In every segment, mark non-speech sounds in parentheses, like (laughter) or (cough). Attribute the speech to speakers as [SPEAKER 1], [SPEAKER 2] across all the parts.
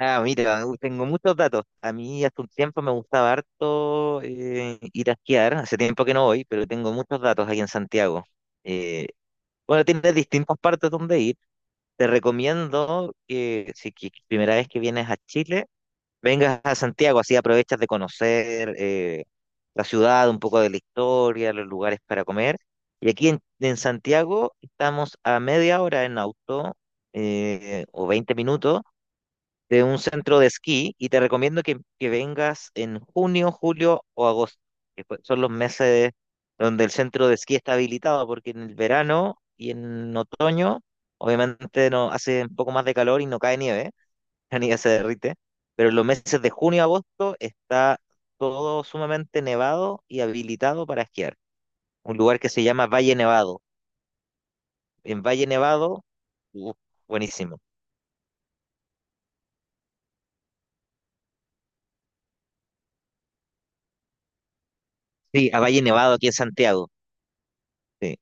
[SPEAKER 1] Ah, mira, tengo muchos datos. A mí hace un tiempo me gustaba harto ir a esquiar, hace tiempo que no voy, pero tengo muchos datos aquí en Santiago. Eh, bueno, tienes distintas partes donde ir. Te recomiendo que si que- primera vez que vienes a Chile, vengas a Santiago, así aprovechas de conocer la ciudad, un poco de la historia, los lugares para comer. Y aquí en Santiago estamos a media hora en auto o 20 minutos de un centro de esquí y te recomiendo que vengas en junio, julio o agosto, son los meses donde el centro de esquí está habilitado, porque en el verano y en otoño, obviamente no hace un poco más de calor y no cae nieve, (laughs) la nieve se derrite, pero en los meses de junio a agosto está todo sumamente nevado y habilitado para esquiar. Un lugar que se llama Valle Nevado. En Valle Nevado, uf, buenísimo. Sí, a Valle Nevado aquí en Santiago, sí.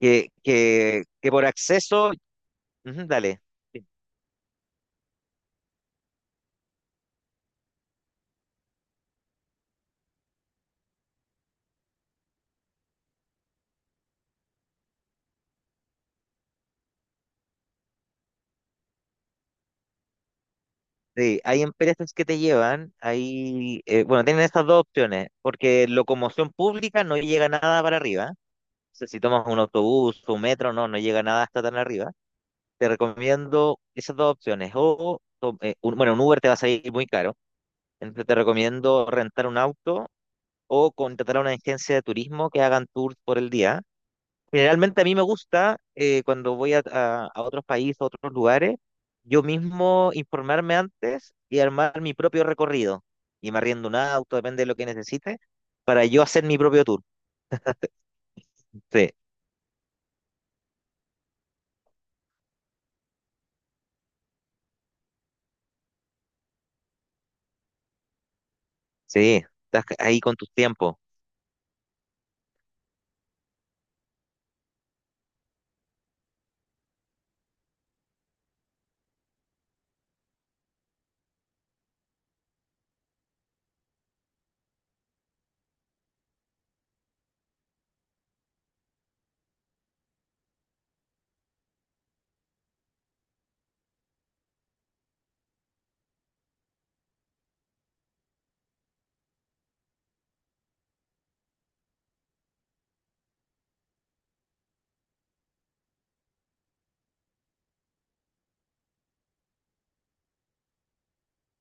[SPEAKER 1] Que por acceso, ujú, dale. Sí. Sí, hay empresas que te llevan, hay, bueno, tienen estas dos opciones, porque locomoción pública no llega nada para arriba. O sea, si tomas un autobús, un metro, no llega nada hasta tan arriba. Te recomiendo esas dos opciones. Bueno, un Uber te va a salir muy caro, entonces te recomiendo rentar un auto o contratar a una agencia de turismo que hagan tours por el día. Generalmente a mí me gusta cuando voy a otros países, a otros lugares, yo mismo informarme antes y armar mi propio recorrido. Y me arriendo un auto, depende de lo que necesite, para yo hacer mi propio tour. Sí, sí, estás ahí con tus tiempos.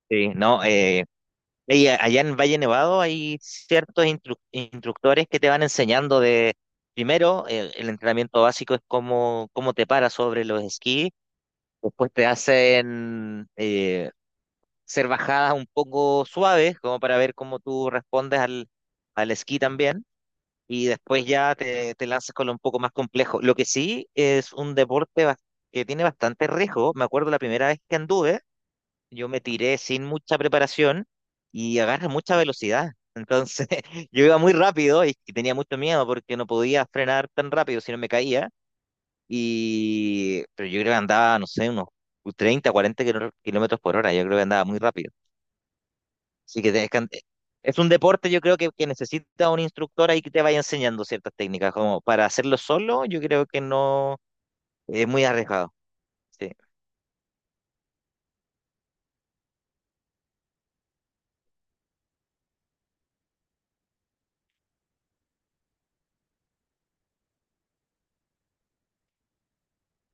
[SPEAKER 1] Sí, no, allá en Valle Nevado hay ciertos instructores que te van enseñando de, primero, el entrenamiento básico es cómo te paras sobre los esquís. Después te hacen ser bajadas un poco suaves, como para ver cómo tú respondes al, al esquí también, y después ya te lanzas con lo un poco más complejo. Lo que sí es un que tiene bastante riesgo. Me acuerdo la primera vez que anduve, yo me tiré sin mucha preparación y agarra mucha velocidad. Entonces (laughs) yo iba muy rápido y tenía mucho miedo porque no podía frenar tan rápido si no me caía. Y, pero yo creo que andaba, no sé, unos 30 40 kilómetros por hora. Yo creo que andaba muy rápido. Así que es un deporte, yo creo que necesita un instructor ahí que te vaya enseñando ciertas técnicas. Como para hacerlo solo, yo creo que no es muy arriesgado. Sí.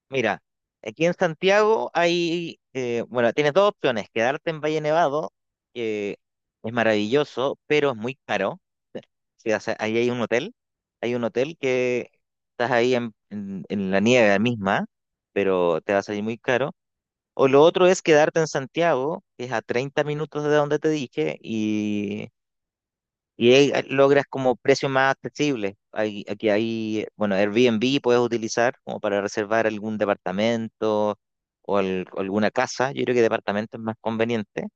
[SPEAKER 1] Mira, aquí en Santiago hay, bueno, tienes dos opciones: quedarte en Valle Nevado, que es maravilloso, pero es muy caro. Sí, sí, o sea, ahí hay un hotel que estás ahí en la nieve misma, pero te va a salir muy caro. O lo otro es quedarte en Santiago, que es a 30 minutos de donde te dije, y ahí ah, logras como precio más accesible. Aquí hay, bueno, Airbnb puedes utilizar como para reservar algún departamento o alguna casa. Yo creo que departamento es más conveniente.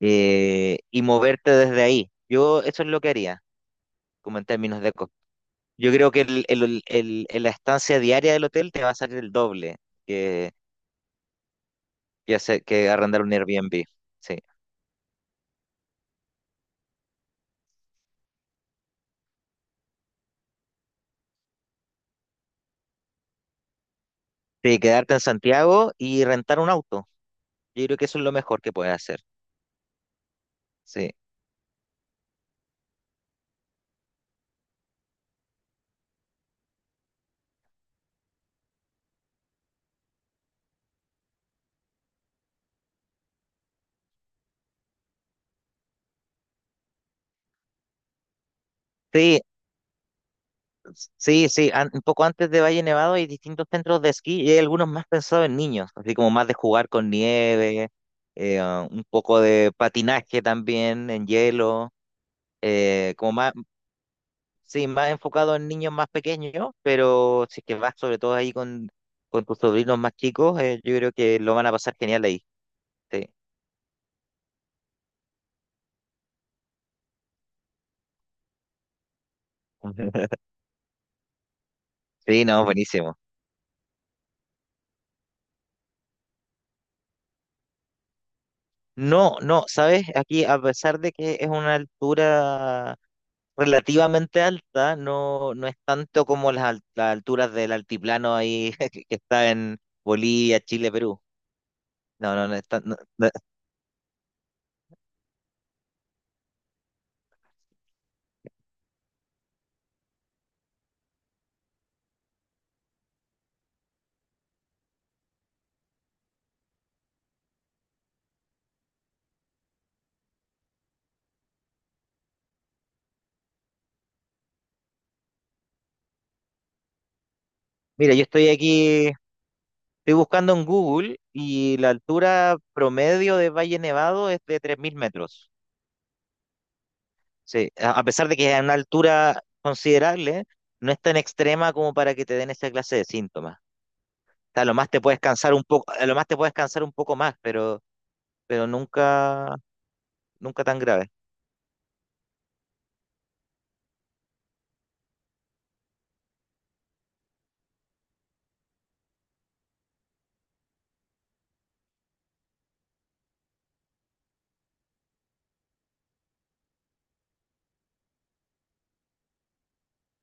[SPEAKER 1] Y moverte desde ahí. Yo eso es lo que haría, como en términos de costo. Yo creo que la estancia diaria del hotel te va a salir el doble que, que, que arrendar un Airbnb, sí. Sí, quedarte en Santiago y rentar un auto. Yo creo que eso es lo mejor que puedes hacer. Sí. Sí, sí, sí. Un poco antes de Valle Nevado hay distintos centros de esquí y hay algunos más pensados en niños, así como más de jugar con nieve, un poco de patinaje también en hielo, eh, como más, sí, más enfocado en niños más pequeños, pero si es que vas sobre todo ahí con tus sobrinos más chicos, yo creo que lo van a pasar genial ahí. Sí. (laughs) Sí, no, buenísimo. No, no, sabes, aquí a pesar de que es una altura relativamente alta, no, no es tanto como las alturas del altiplano ahí (laughs) que está en Bolivia, Chile, Perú. No, no, no, no, no. Mira, yo estoy aquí, estoy buscando en Google y la altura promedio de Valle Nevado es de 3.000 metros. Sí, a pesar de que es una altura considerable, no es tan extrema como para que te den esa clase de síntomas. Sea, a lo más te puedes cansar un poco, a lo más te puedes cansar un poco más, pero nunca, nunca tan grave.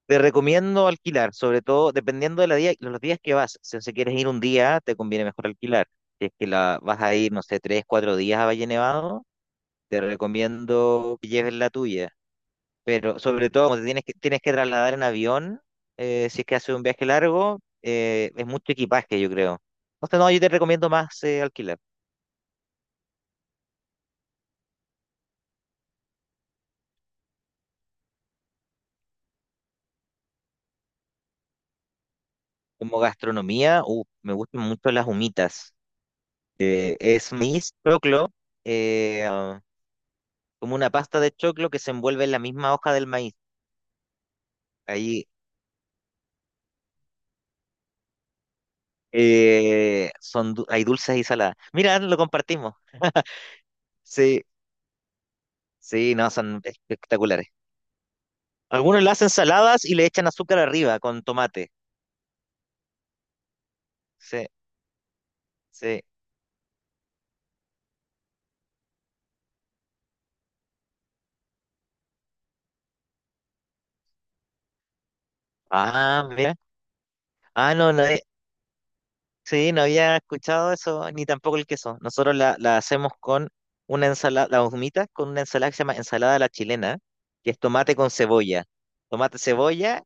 [SPEAKER 1] Te recomiendo alquilar, sobre todo dependiendo de la día, los días que vas. Si quieres ir un día, te conviene mejor alquilar. Si es que vas a ir, no sé, tres, cuatro días a Valle Nevado, te recomiendo que lleves la tuya. Pero sobre todo, como tienes que trasladar en avión, si es que haces un viaje largo, es mucho equipaje, yo creo. Entonces, no, yo te recomiendo más alquilar. Como gastronomía, me gustan mucho las humitas. Es maíz choclo, eh, ah, como una pasta de choclo que se envuelve en la misma hoja del maíz. Ahí hay dulces y saladas. Mira, lo compartimos. Sí, sí, no, son espectaculares. Algunos le hacen saladas y le echan azúcar arriba con tomate. Sí, sí. Ah, mira. Ah, no, no, sí, no había escuchado eso, ni tampoco el queso. Nosotros la hacemos con una ensalada, la humita con una ensalada que se llama ensalada a la chilena, que es tomate con cebolla. Tomate, cebolla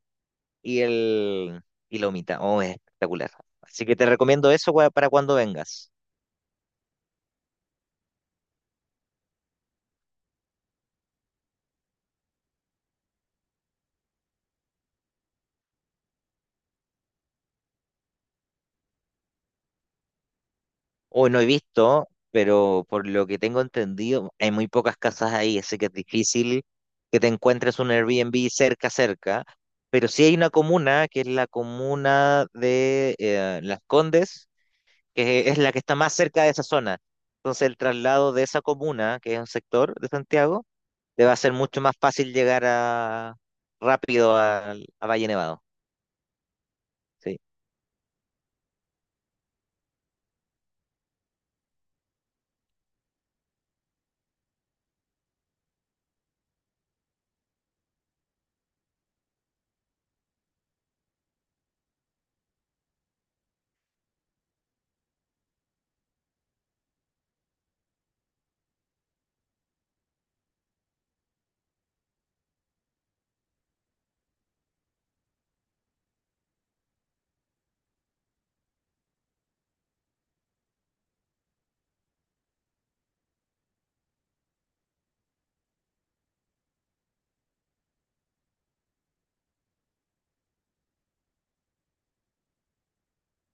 [SPEAKER 1] y el y la humita. Oh, es espectacular. Así que te recomiendo eso para cuando vengas. Hoy no he visto, pero por lo que tengo entendido, hay muy pocas casas ahí, así que es difícil que te encuentres un Airbnb cerca, cerca. Pero sí hay una comuna, que es la comuna de Las Condes, que es la que está más cerca de esa zona. Entonces el traslado de esa comuna, que es un sector de Santiago, le va a ser mucho más fácil llegar a, rápido a Valle Nevado. Sí,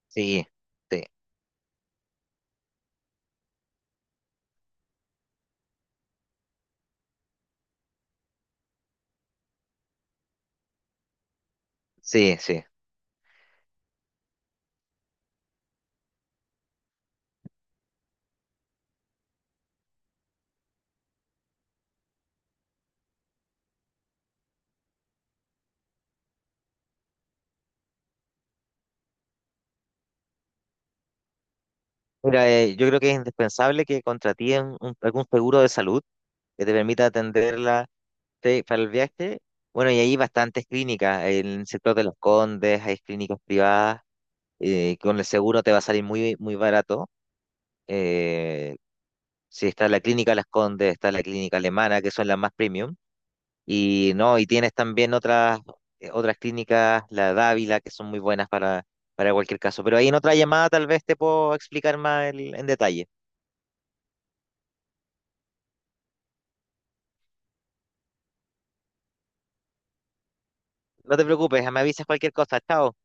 [SPEAKER 1] sí, sí, sí, sí. Mira, yo creo que es indispensable que contratíen algún seguro de salud que te permita atenderla, sí, para el viaje. Bueno, y hay bastantes clínicas, en el sector de Los Condes hay clínicas privadas, con el seguro te va a salir muy, muy barato. eh, Sí, está la Clínica Las Condes, está la Clínica Alemana, que son las más premium. Y no, y tienes también otras, otras clínicas, la Dávila, que son muy buenas para cualquier caso. Pero ahí en otra llamada tal vez te puedo explicar más en detalle. No te preocupes, me avisas cualquier cosa. Chao.